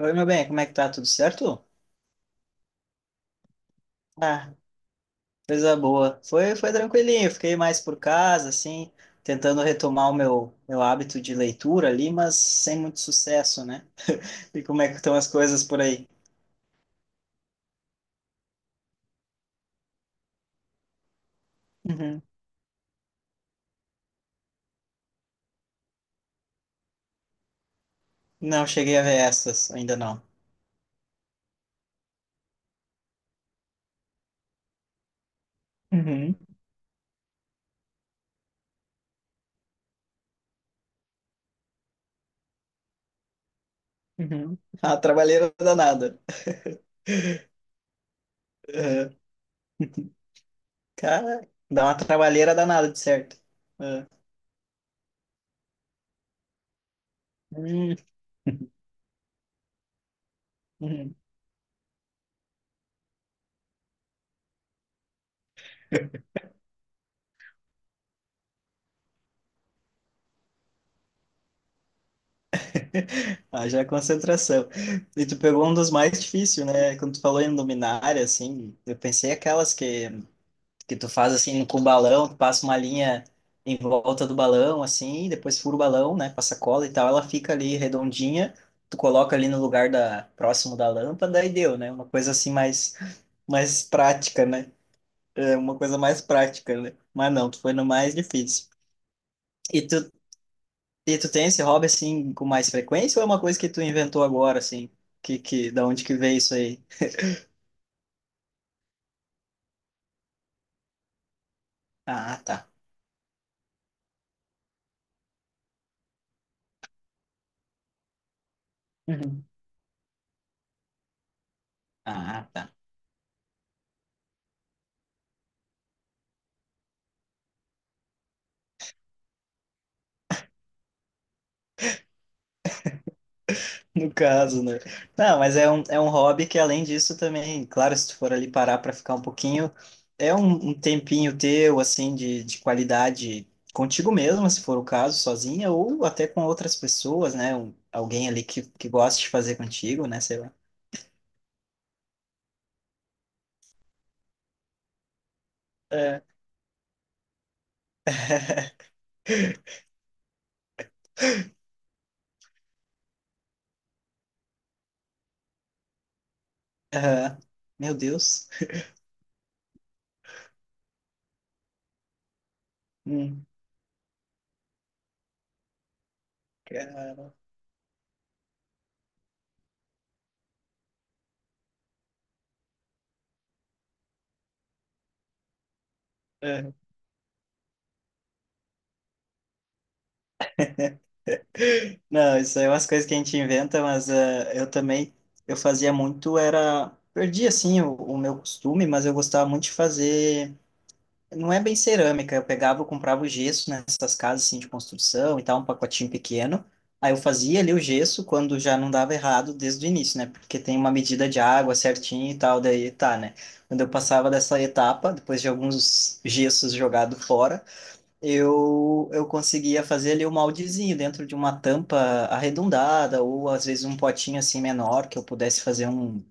Oi, meu bem, como é que tá? Tudo certo? Ah, coisa boa. Foi tranquilinho, fiquei mais por casa, assim, tentando retomar o meu hábito de leitura ali, mas sem muito sucesso, né? E como é que estão as coisas por aí? Uhum. Não cheguei a ver essas, ainda não. Uhum, uhum. Ah, trabalheira danada. Uhum. Cara, dá uma trabalheira danada, de certo. Uhum. Uhum. Haja concentração. E tu pegou um dos mais difíceis, né? Quando tu falou em luminária, assim, eu pensei aquelas que tu faz, assim, com balão, tu passa uma linha em volta do balão, assim, depois fura o balão, né? Passa cola e tal, ela fica ali redondinha, tu coloca ali no lugar da, próximo da lâmpada e deu, né? Uma coisa, assim, mais prática, né? É uma coisa mais prática, né? Mas não, tu foi no mais difícil. E tu e tu tem esse hobby assim com mais frequência ou é uma coisa que tu inventou agora assim? Que da onde que veio isso aí? Ah, tá. Uhum. Ah, tá. No caso, né? Não, mas é um hobby que além disso também, claro, se tu for ali parar para ficar um pouquinho, é um tempinho teu assim de qualidade contigo mesmo se for o caso, sozinha ou até com outras pessoas, né? Alguém ali que gosta de fazer contigo, né? Sei lá. É. Aham. Meu Deus. Hum. Cara. Não, isso aí é umas coisas que a gente inventa, mas eu também, eu fazia muito, era, perdi assim o meu costume, mas eu gostava muito de fazer, não é bem cerâmica, eu comprava o gesso nessas casas assim de construção e tal, um pacotinho pequeno, aí eu fazia ali o gesso quando já não dava errado desde o início, né, porque tem uma medida de água certinho e tal, daí tá, né, quando eu passava dessa etapa, depois de alguns gessos jogados fora, eu conseguia fazer ali o moldezinho dentro de uma tampa arredondada, ou às vezes um potinho assim menor, que eu pudesse fazer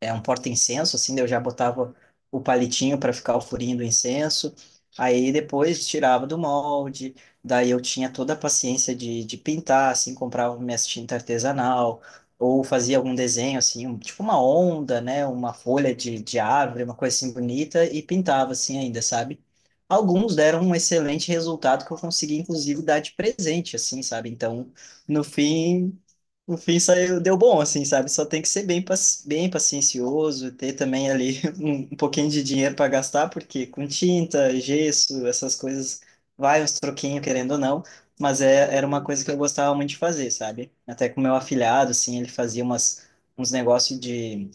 é um porta-incenso, assim, daí eu já botava o palitinho para ficar o furinho do incenso, aí depois tirava do molde, daí eu tinha toda a paciência de pintar, assim, comprava minhas tinta artesanal, ou fazia algum desenho, assim, tipo uma onda, né, uma folha de árvore, uma coisa assim bonita, e pintava, assim, ainda, sabe? Alguns deram um excelente resultado que eu consegui, inclusive, dar de presente, assim, sabe? Então, no fim, no fim saiu, deu bom, assim, sabe? Só tem que ser bem paciencioso, ter também ali um pouquinho de dinheiro para gastar, porque com tinta, gesso, essas coisas, vai uns troquinhos, querendo ou não, mas era uma coisa que eu gostava muito de fazer, sabe? Até com meu afilhado, assim, ele fazia uns negócios de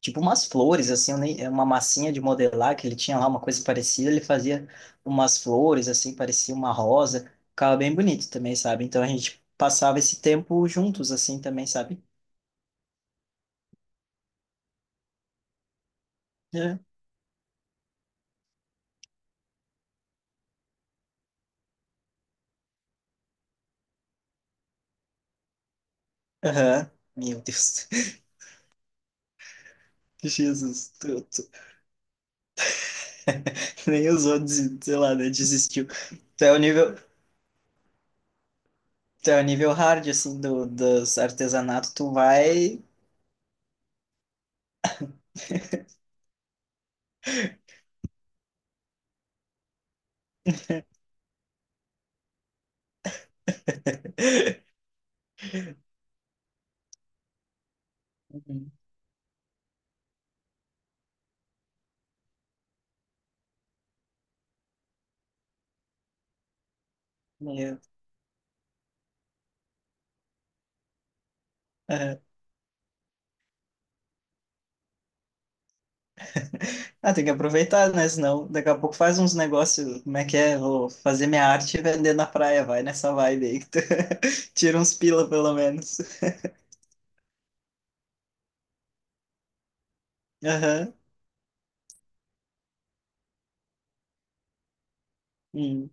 tipo umas flores, assim, eu nem- é uma massinha de modelar que ele tinha lá, uma coisa parecida, ele fazia umas flores, assim, parecia uma rosa, ficava bem bonito também, sabe? Então a gente passava esse tempo juntos, assim, também, sabe? É. Aham. Meu Deus. Jesus, nem usou, sei lá, né, desistiu. Tu é o nível, tu é o nível hard, assim, dos artesanatos, tu vai. Uhum. Meu. Ah, tem que aproveitar, né? Senão daqui a pouco faz uns negócios. Como é que é? Vou fazer minha arte e vender na praia. Vai nessa vibe aí que tu tira uns pila, pelo menos. Aham. Hum.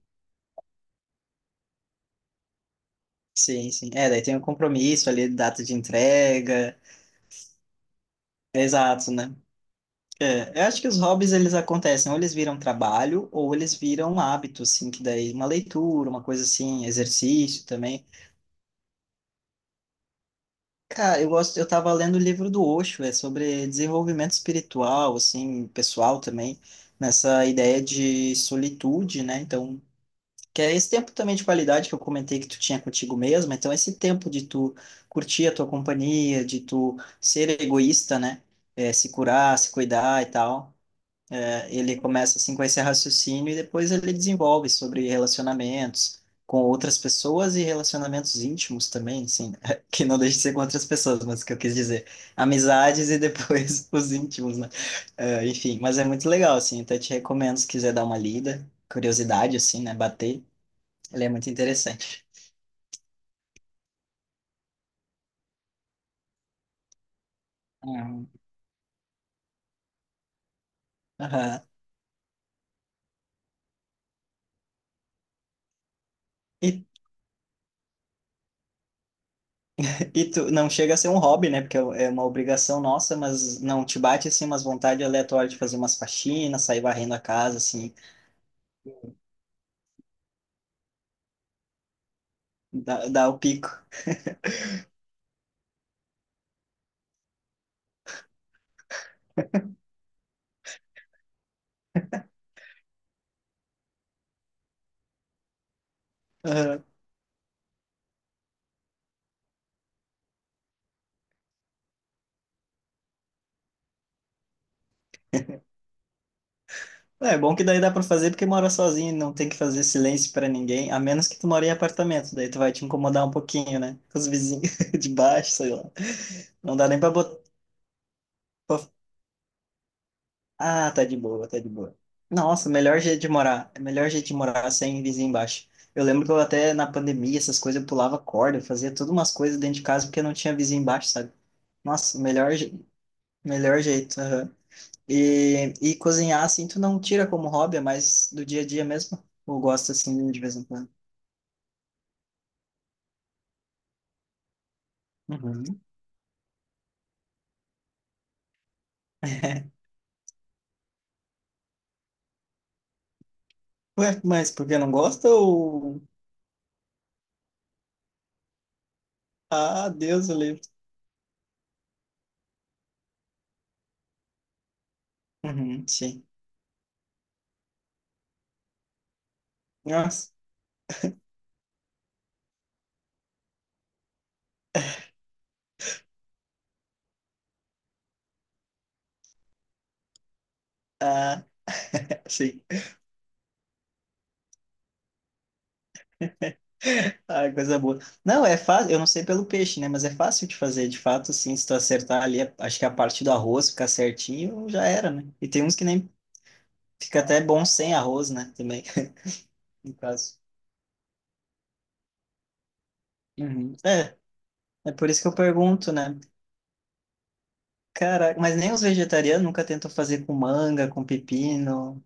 Sim, sim. É, daí tem um compromisso ali, data de entrega. Exato, né? É, eu acho que os hobbies eles acontecem, ou eles viram trabalho, ou eles viram hábito, assim, que daí uma leitura, uma coisa assim, exercício também. Cara, eu gosto, eu tava lendo o livro do Osho, é sobre desenvolvimento espiritual, assim, pessoal também, nessa ideia de solitude, né? Então, que é esse tempo também de qualidade que eu comentei que tu tinha contigo mesmo, então esse tempo de tu curtir a tua companhia, de tu ser egoísta, né? É, se curar, se cuidar e tal. Ele começa assim com esse raciocínio e depois ele desenvolve sobre relacionamentos com outras pessoas e relacionamentos íntimos também, assim, que não deixa de ser com outras pessoas, mas que eu quis dizer, amizades e depois os íntimos, né? Enfim, mas é muito legal, assim, até te recomendo se quiser dar uma lida, curiosidade, assim, né, bater, ele é muito interessante. Uhum. Aham. E E tu não chega a ser um hobby, né? Porque é uma obrigação nossa, mas não te bate assim umas vontades aleatórias de fazer umas faxinas, sair varrendo a casa, assim, dá, o pico. Aham. É bom que daí dá pra fazer porque mora sozinho, não tem que fazer silêncio pra ninguém, a menos que tu mora em apartamento, daí tu vai te incomodar um pouquinho, né? Com os vizinhos de baixo, sei lá. Não dá nem pra botar. Ah, tá de boa, tá de boa. Nossa, melhor jeito de morar. É melhor jeito de morar sem vizinho embaixo. Eu lembro que eu até na pandemia, essas coisas, eu pulava corda, eu fazia todas umas coisas dentro de casa porque não tinha vizinho embaixo, sabe? Nossa, melhor jeito. Aham. E cozinhar, assim, tu não tira como hobby, é mais do dia a dia mesmo? Ou gosta, assim, de vez em quando? Uhum. Ué, mas porque não gosta ou? Ah, Deus, eu livre. Uhum, sim. Nossa, ah, sim. Ah, coisa boa. Não, é fácil, eu não sei pelo peixe, né? Mas é fácil de fazer, de fato, assim, se tu acertar ali, acho que a parte do arroz ficar certinho, já era, né? E tem uns que nem fica até bom sem arroz, né? Também, no caso. Uhum. É, é por isso que eu pergunto, né? Cara, mas nem os vegetarianos nunca tentam fazer com manga, com pepino.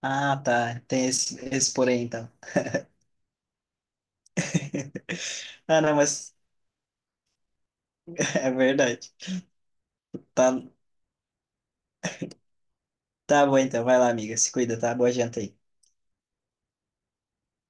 Ah, tá, tem esse porém, então. Ah, não, mas é verdade. Tá, tá bom, então, vai lá, amiga, se cuida, tá? Boa janta aí.